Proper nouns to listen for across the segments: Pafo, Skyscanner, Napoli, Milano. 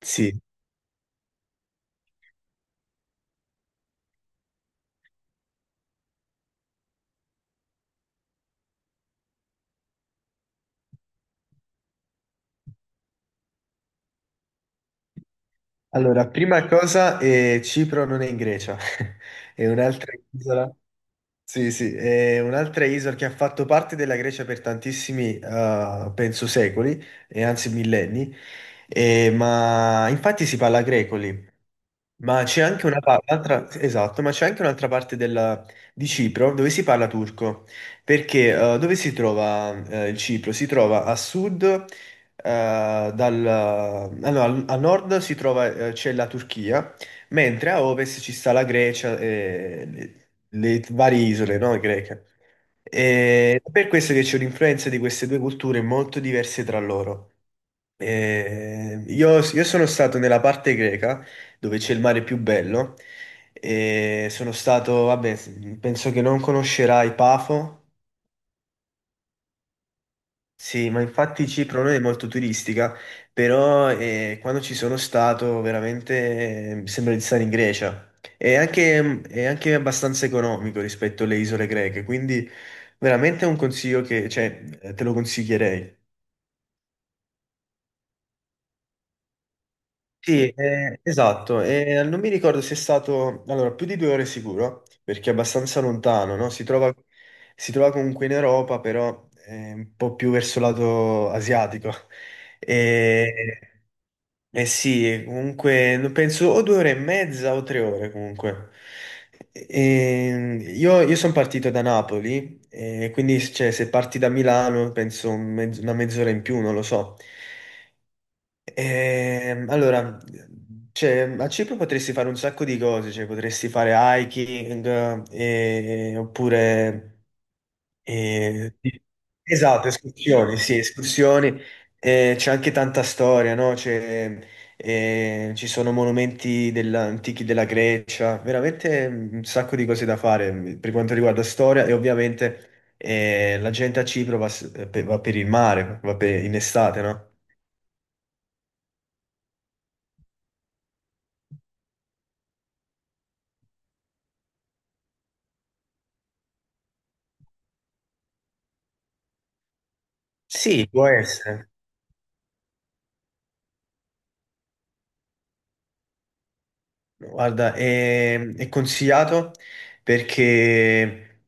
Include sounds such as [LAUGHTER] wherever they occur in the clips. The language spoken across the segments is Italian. Sì, allora, prima cosa, Cipro non è in Grecia, [LAUGHS] è un'altra isola. Sì, sì, è un'altra isola che ha fatto parte della Grecia per tantissimi, penso, secoli, e anzi millenni, ma infatti si parla greco lì. Ma c'è anche una pa- Un'altra, esatto, ma c'è anche di Cipro dove si parla turco, perché dove si trova, il Cipro? Si trova a sud, dal, ah, no, al, a nord si trova, c'è la Turchia, mentre a ovest ci sta la Grecia e le varie isole, no, greche. E per questo che c'è un'influenza di queste due culture molto diverse tra loro. Io sono stato nella parte greca dove c'è il mare più bello. E sono stato, vabbè, penso che non conoscerai Pafo. Sì, ma infatti Cipro non è molto turistica, però quando ci sono stato veramente mi sembra di stare in Grecia. È anche abbastanza economico rispetto alle isole greche, quindi veramente è un consiglio che, cioè, te lo consiglierei. Sì, esatto, e non mi ricordo se è stato, allora, più di due ore sicuro, perché è abbastanza lontano, no? Si trova comunque in Europa, però un po' più verso lato asiatico. [LAUGHS] E, eh sì, comunque no, penso o due ore e mezza o tre ore comunque. Io sono partito da Napoli, e quindi cioè, se parti da Milano penso una mezz'ora in più, non lo so. Allora, cioè, a Cipro potresti fare un sacco di cose, cioè, potresti fare hiking, oppure... sì. Esatto, escursioni, sì, escursioni. C'è anche tanta storia, no? C'è, ci sono antichi della Grecia, veramente un sacco di cose da fare, per quanto riguarda storia, e ovviamente la gente a Cipro va, va per il mare, in estate, no? Sì, può essere. Guarda, è consigliato perché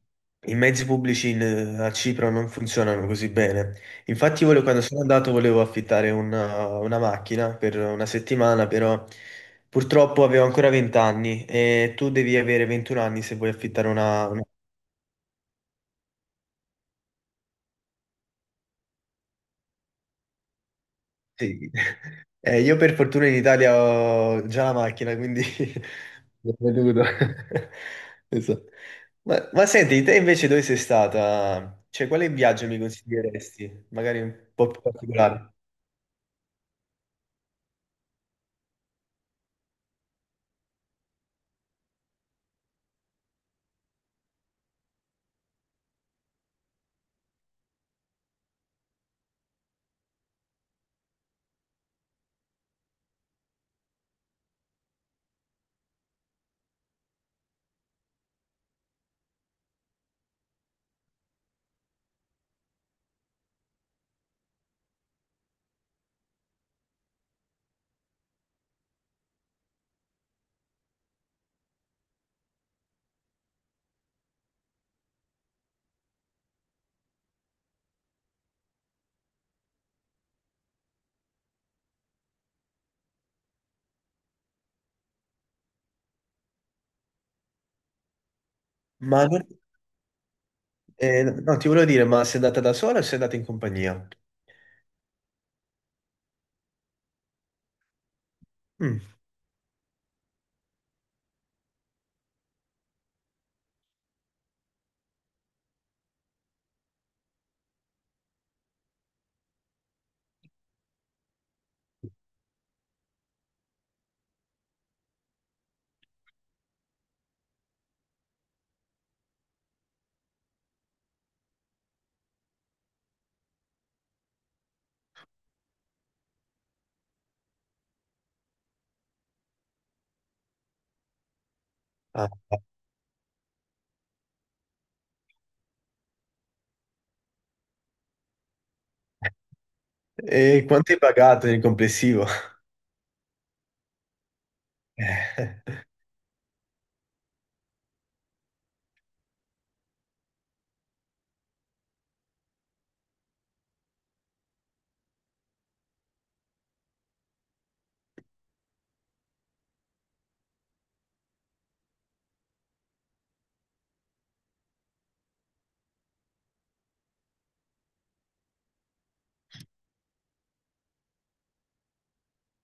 i mezzi pubblici a Cipro non funzionano così bene. Infatti, quando sono andato volevo affittare una macchina per una settimana, però purtroppo avevo ancora 20 anni e tu devi avere 21 anni se vuoi affittare una. Sì. Io per fortuna in Italia ho già la macchina, quindi [LAUGHS] l'ho veduto. [LAUGHS] Esatto. Ma senti, te invece dove sei stata? Cioè, quale viaggio mi consiglieresti? Magari un po' più particolare. Ma non- no, Ti volevo dire, ma sei andata da sola o sei andata in compagnia? Mm. Ah. Ah. E quanto hai pagato nel complessivo? [LAUGHS] Eh,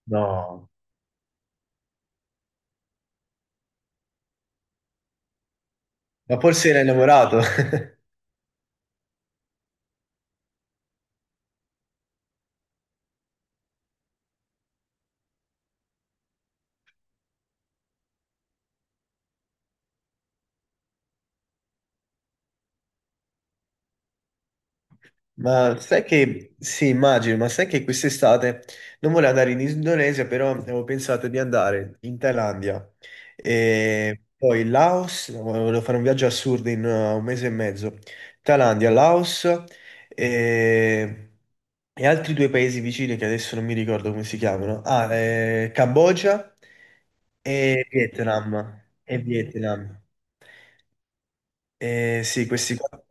no, ma forse l'hai lavorato. Ma sai che, sì, immagino, ma sai che quest'estate non volevo andare in Indonesia, però avevo pensato di andare in Thailandia e poi Laos, volevo fare un viaggio assurdo in un mese e mezzo, Thailandia, Laos e, e altri due paesi vicini che adesso non mi ricordo come si chiamano, Cambogia e Vietnam, eh, sì, questi qua.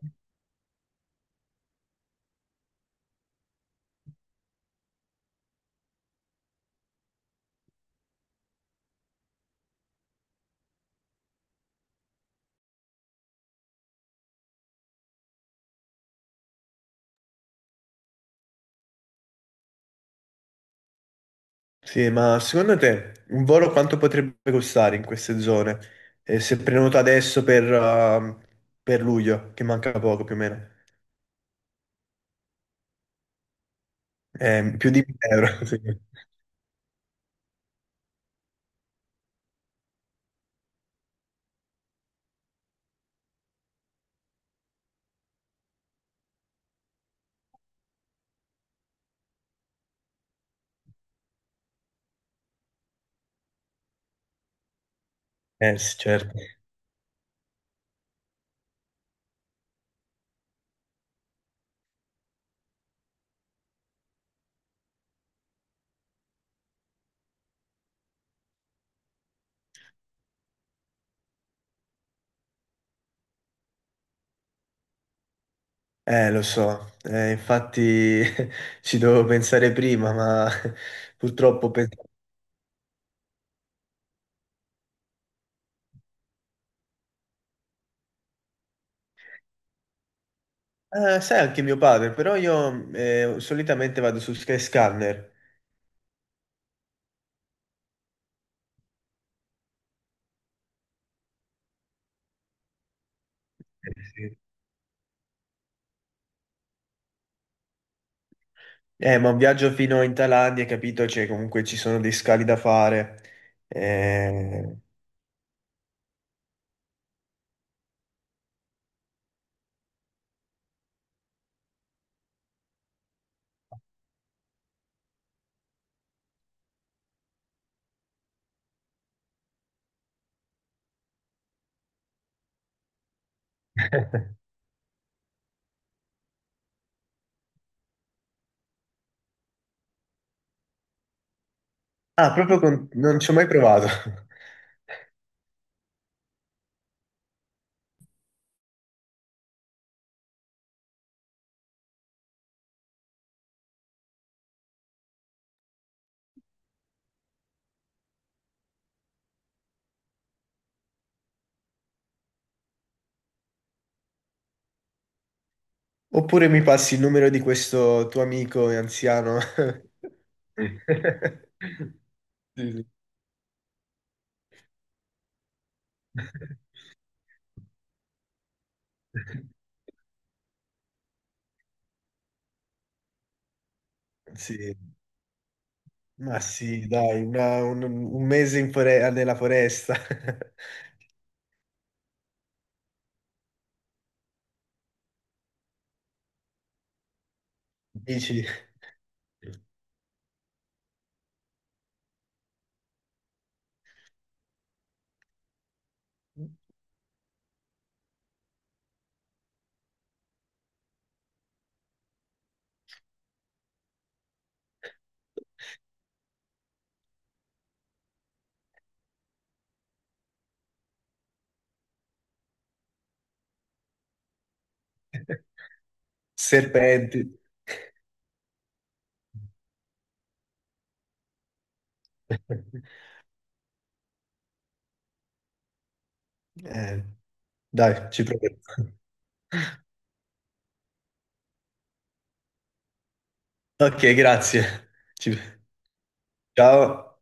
Sì, ma secondo te un volo quanto potrebbe costare in queste zone? Se prenoto adesso per luglio, che manca poco più o meno, eh, più di 1000 euro. [LAUGHS] Sì. Sì, certo. Lo so, infatti [LAUGHS] ci dovevo pensare prima, ma [LAUGHS] purtroppo penso... sai anche mio padre, però io solitamente vado su Skyscanner. Sì. Ma un viaggio fino in Thailandia, hai capito? Cioè, comunque ci sono dei scali da fare. Eh, Ah, proprio con... non ci ho mai provato. [LAUGHS] Oppure mi passi il numero di questo tuo amico anziano? [LAUGHS] Sì, sì. Sì. Ma sì, dai, un mese nella foresta. [LAUGHS] Dici, serpenti. [LAUGHS] Eh. Dai, ci proviamo. [LAUGHS] Ok, grazie. Ci- Ciao.